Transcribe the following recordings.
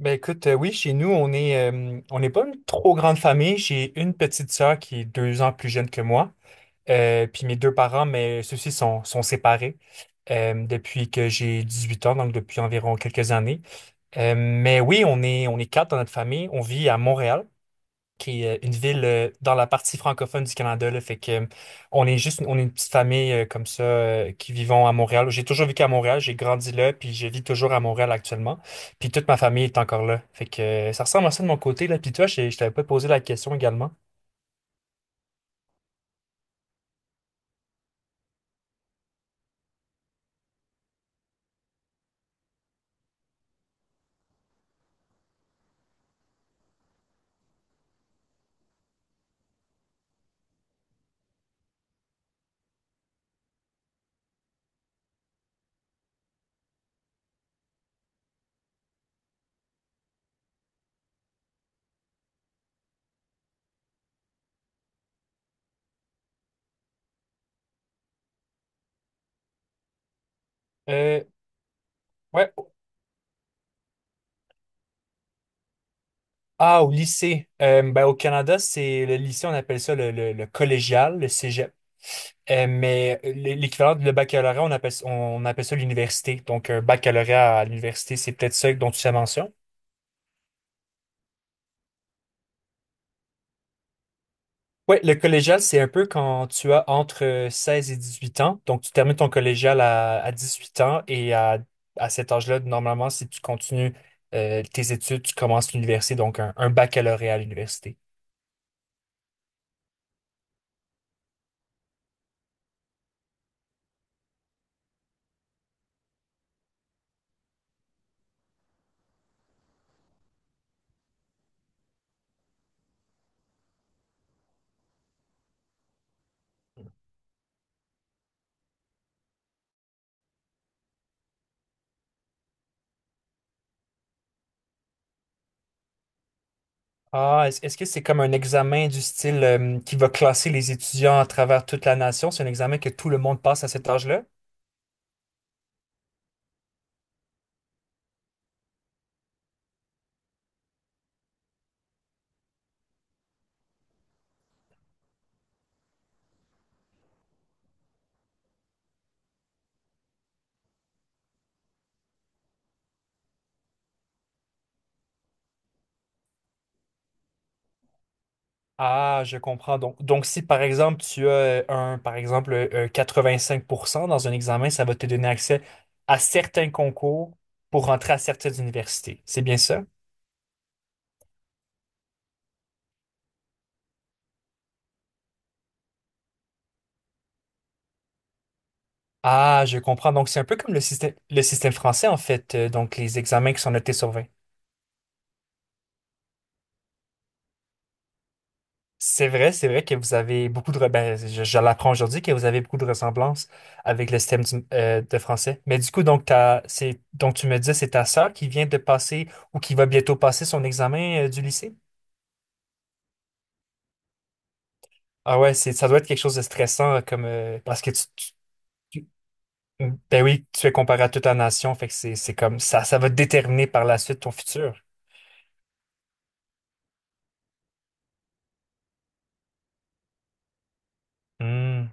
Ben écoute, oui, chez nous, on n'est pas une trop grande famille. J'ai une petite sœur qui est 2 ans plus jeune que moi. Puis mes deux parents, mais ceux-ci sont séparés depuis que j'ai 18 ans, donc depuis environ quelques années. Mais oui, on est quatre dans notre famille. On vit à Montréal qui est une ville dans la partie francophone du Canada, là. Fait que on est une petite famille comme ça qui vivons à Montréal. J'ai toujours vécu à Montréal, j'ai grandi là, puis je vis toujours à Montréal actuellement. Puis toute ma famille est encore là. Fait que ça ressemble à ça de mon côté, là. Puis toi, je t'avais pas posé la question également. Euh, ouais. Ah, au lycée. Ben, au Canada, c'est le lycée, on appelle ça le collégial, le cégep. Mais l'équivalent de le baccalauréat, on appelle ça l'université. Donc, un baccalauréat à l'université, c'est peut-être ça dont tu as mention. Oui, le collégial, c'est un peu quand tu as entre 16 et 8 ans. Donc, tu termines ton collégial à 18 ans et à cet âge-là, normalement, si tu continues tes études, tu commences l'université, donc un baccalauréat à l'université. Ah, est-ce que c'est comme un examen du style qui va classer les étudiants à travers toute la nation? C'est un examen que tout le monde passe à cet âge-là? Ah, je comprends. Donc, si par exemple tu as par exemple, 85% dans un examen, ça va te donner accès à certains concours pour rentrer à certaines universités. C'est bien ça? Ah, je comprends. Donc, c'est un peu comme le système français, en fait. Donc, les examens qui sont notés sur 20. C'est vrai que vous avez beaucoup de ben, je l'apprends aujourd'hui que vous avez beaucoup de ressemblances avec le système de français. Mais du coup, donc, tu me disais, c'est ta sœur qui vient de passer ou qui va bientôt passer son examen du lycée? Ah ouais, ça doit être quelque chose de stressant comme parce que tu- ben oui, tu es comparé à toute la nation, fait que c'est comme ça va déterminer par la suite ton futur. Hmm.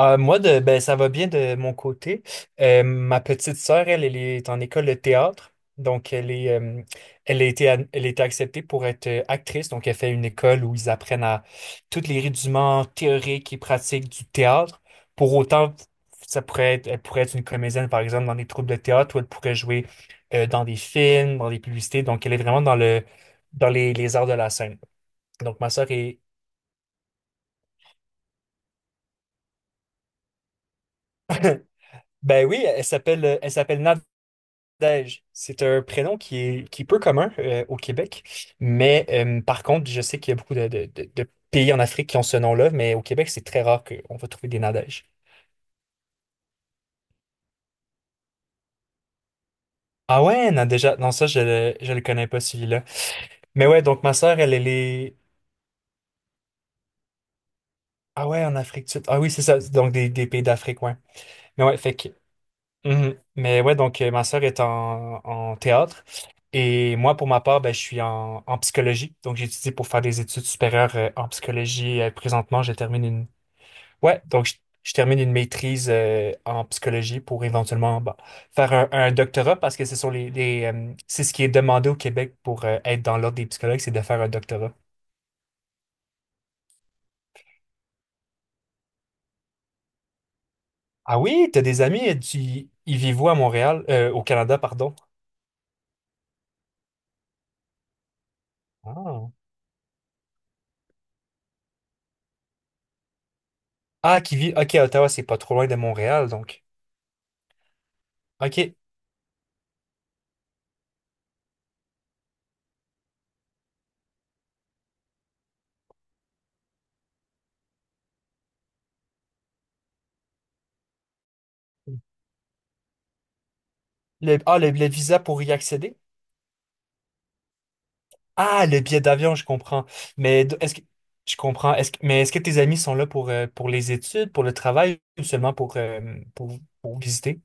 Ah, moi, ben, ça va bien de mon côté. Ma petite sœur, elle est en école de théâtre. Donc, elle a été acceptée pour être actrice. Donc, elle fait une école où ils apprennent à tous les rudiments théoriques et pratiques du théâtre. Pour autant, elle pourrait être une comédienne, par exemple, dans des troupes de théâtre, ou elle pourrait jouer dans des films, dans des publicités. Donc, elle est vraiment dans les arts de la scène. Donc, ben oui, elle s'appelle Nadège, c'est un prénom qui est, peu commun au Québec, mais par contre, je sais qu'il y a beaucoup de pays en Afrique qui ont ce nom-là, mais au Québec, c'est très rare qu'on va trouver des Nadèges. Ah ouais, non, déjà, non, ça, je le connais pas, celui-là. Mais ouais, donc ma sœur, elle est. Ah ouais, en Afrique du Sud. Ah oui, c'est ça, donc des pays d'Afrique, ouais. Mais ouais, fait que. Mhm. Mais ouais, donc ma sœur est en théâtre, et moi, pour ma part, ben, je suis en psychologie, donc j'étudie pour faire des études supérieures en psychologie. Présentement, j'ai terminé. Ouais, donc je termine une maîtrise en psychologie pour éventuellement bah, faire un doctorat parce que ce sont les, c'est ce qui est demandé au Québec pour être dans l'ordre des psychologues, c'est de faire un doctorat. Ah oui, t'as des amis, ils vivent où à Montréal, au Canada, pardon. Ah, Ah, ok, à Ottawa, c'est pas trop loin de Montréal, donc. Ok. Le visa pour y accéder? Ah, le billet d'avion, je comprends. Mais d- est-ce que je comprends. Mais est-ce que tes amis sont là pour les études, pour le travail ou seulement pour visiter?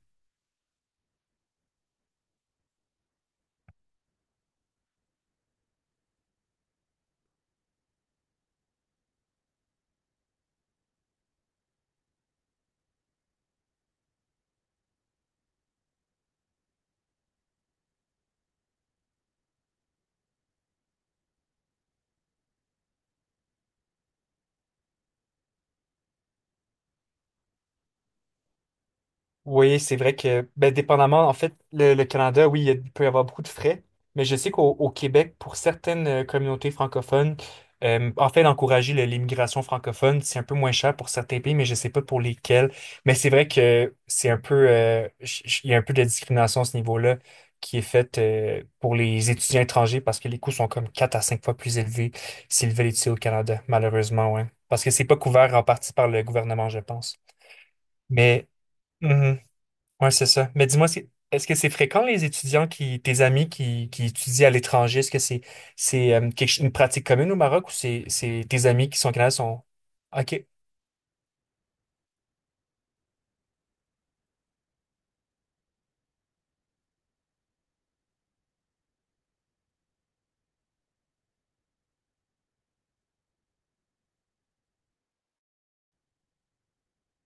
Oui, c'est vrai que, ben, dépendamment, en fait, le Canada, oui, il peut y avoir beaucoup de frais, mais je sais qu'au au Québec, pour certaines communautés francophones, en fait, d'encourager l'immigration francophone, c'est un peu moins cher pour certains pays, mais je sais pas pour lesquels. Mais c'est vrai que c'est un peu, ch- ch- il y a un peu de discrimination à ce niveau-là qui est faite pour les étudiants étrangers parce que les coûts sont comme 4 à 5 fois plus élevés s'ils veulent étudier au Canada, malheureusement, ouais. Parce que c'est pas couvert en partie par le gouvernement, je pense. Mais. Mm-hmm. Ouais, c'est ça. Mais dis-moi, est-ce que c'est fréquent les étudiants tes amis qui étudient à l'étranger? Est-ce que c'est une pratique commune au Maroc ou c'est tes amis qui sont au Canada sont OK.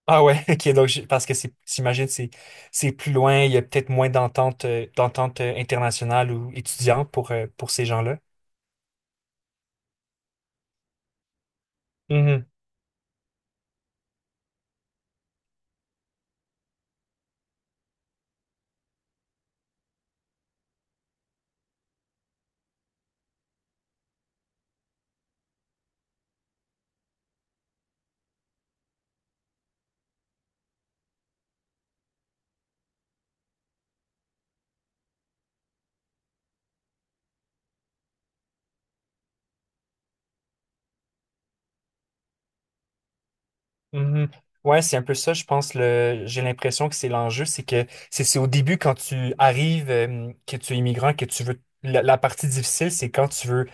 Ah ouais, OK, donc parce que c'est j'imagine c'est plus loin, il y a peut-être moins d'entente internationale ou étudiante pour ces gens-là. Mhm, mhm. Ouais, c'est un peu ça, je pense. J'ai l'impression que c'est l'enjeu, c'est que c'est au début quand tu arrives, que tu es immigrant, que tu veux. La partie difficile, c'est quand tu veux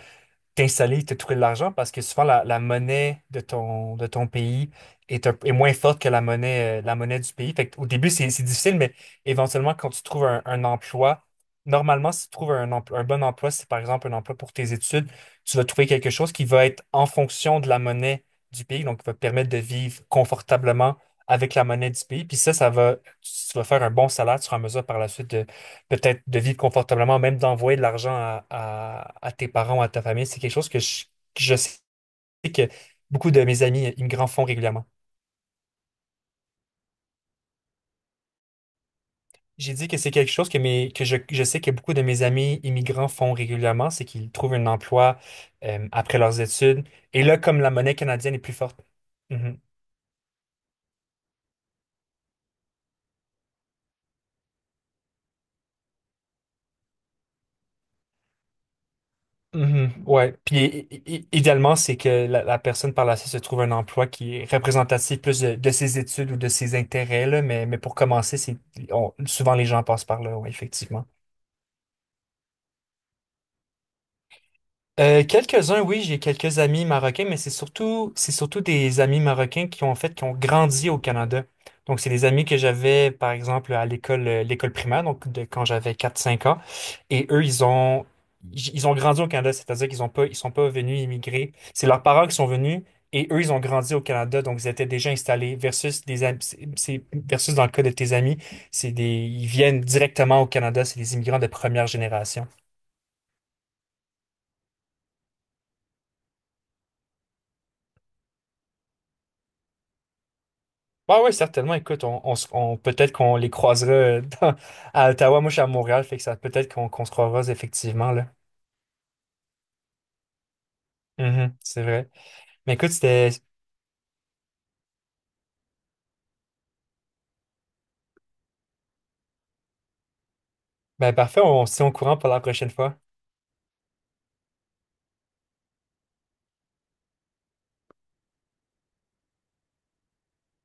t'installer et te trouver de l'argent parce que souvent la monnaie de de ton pays est moins forte que la monnaie du pays. Fait au début, c'est difficile, mais éventuellement, quand tu trouves un emploi, normalement, si tu trouves un bon emploi, si c'est par exemple un emploi pour tes études, tu vas trouver quelque chose qui va être en fonction de la monnaie du pays, donc qui va te permettre de vivre confortablement avec la monnaie du pays. Puis ça va, tu vas faire un bon salaire, tu seras en mesure par la suite peut-être de vivre confortablement, même d'envoyer de l'argent à tes parents ou à ta famille, c'est quelque chose que que je sais que beaucoup de mes amis immigrants font régulièrement. J'ai dit que c'est quelque chose que je sais que beaucoup de mes amis immigrants font régulièrement, c'est qu'ils trouvent un emploi après leurs études. Et là, comme la monnaie canadienne est plus forte. Mm-hmm. Mhm, ouais. Puis idéalement, c'est que la personne par la suite se trouve un emploi qui est représentatif plus de ses études ou de ses intérêts, là, mais pour commencer, c'est souvent les gens passent par là, ouais, effectivement. Quelques-uns, oui, j'ai quelques amis marocains, mais c'est surtout des amis marocains qui ont grandi au Canada. Donc, c'est des amis que j'avais, par exemple, à l'école, l'école primaire, donc de quand j'avais quatre cinq ans. Et eux, ils ont grandi au Canada, c'est-à-dire qu' ils sont pas venus immigrer. C'est leurs parents qui sont venus et eux, ils ont grandi au Canada, donc ils étaient déjà installés. Versus des, am- c'est- versus dans le cas de tes amis, ils viennent directement au Canada, c'est des immigrants de première génération. Bah ouais, certainement. Écoute, peut-être qu'on les croisera à Ottawa. Moi, je suis à Montréal, fait que ça peut-être qu'on se croisera effectivement là. Mhm, c'est vrai. Mais écoute, c'était ben, parfait. On se tient au courant pour la prochaine fois.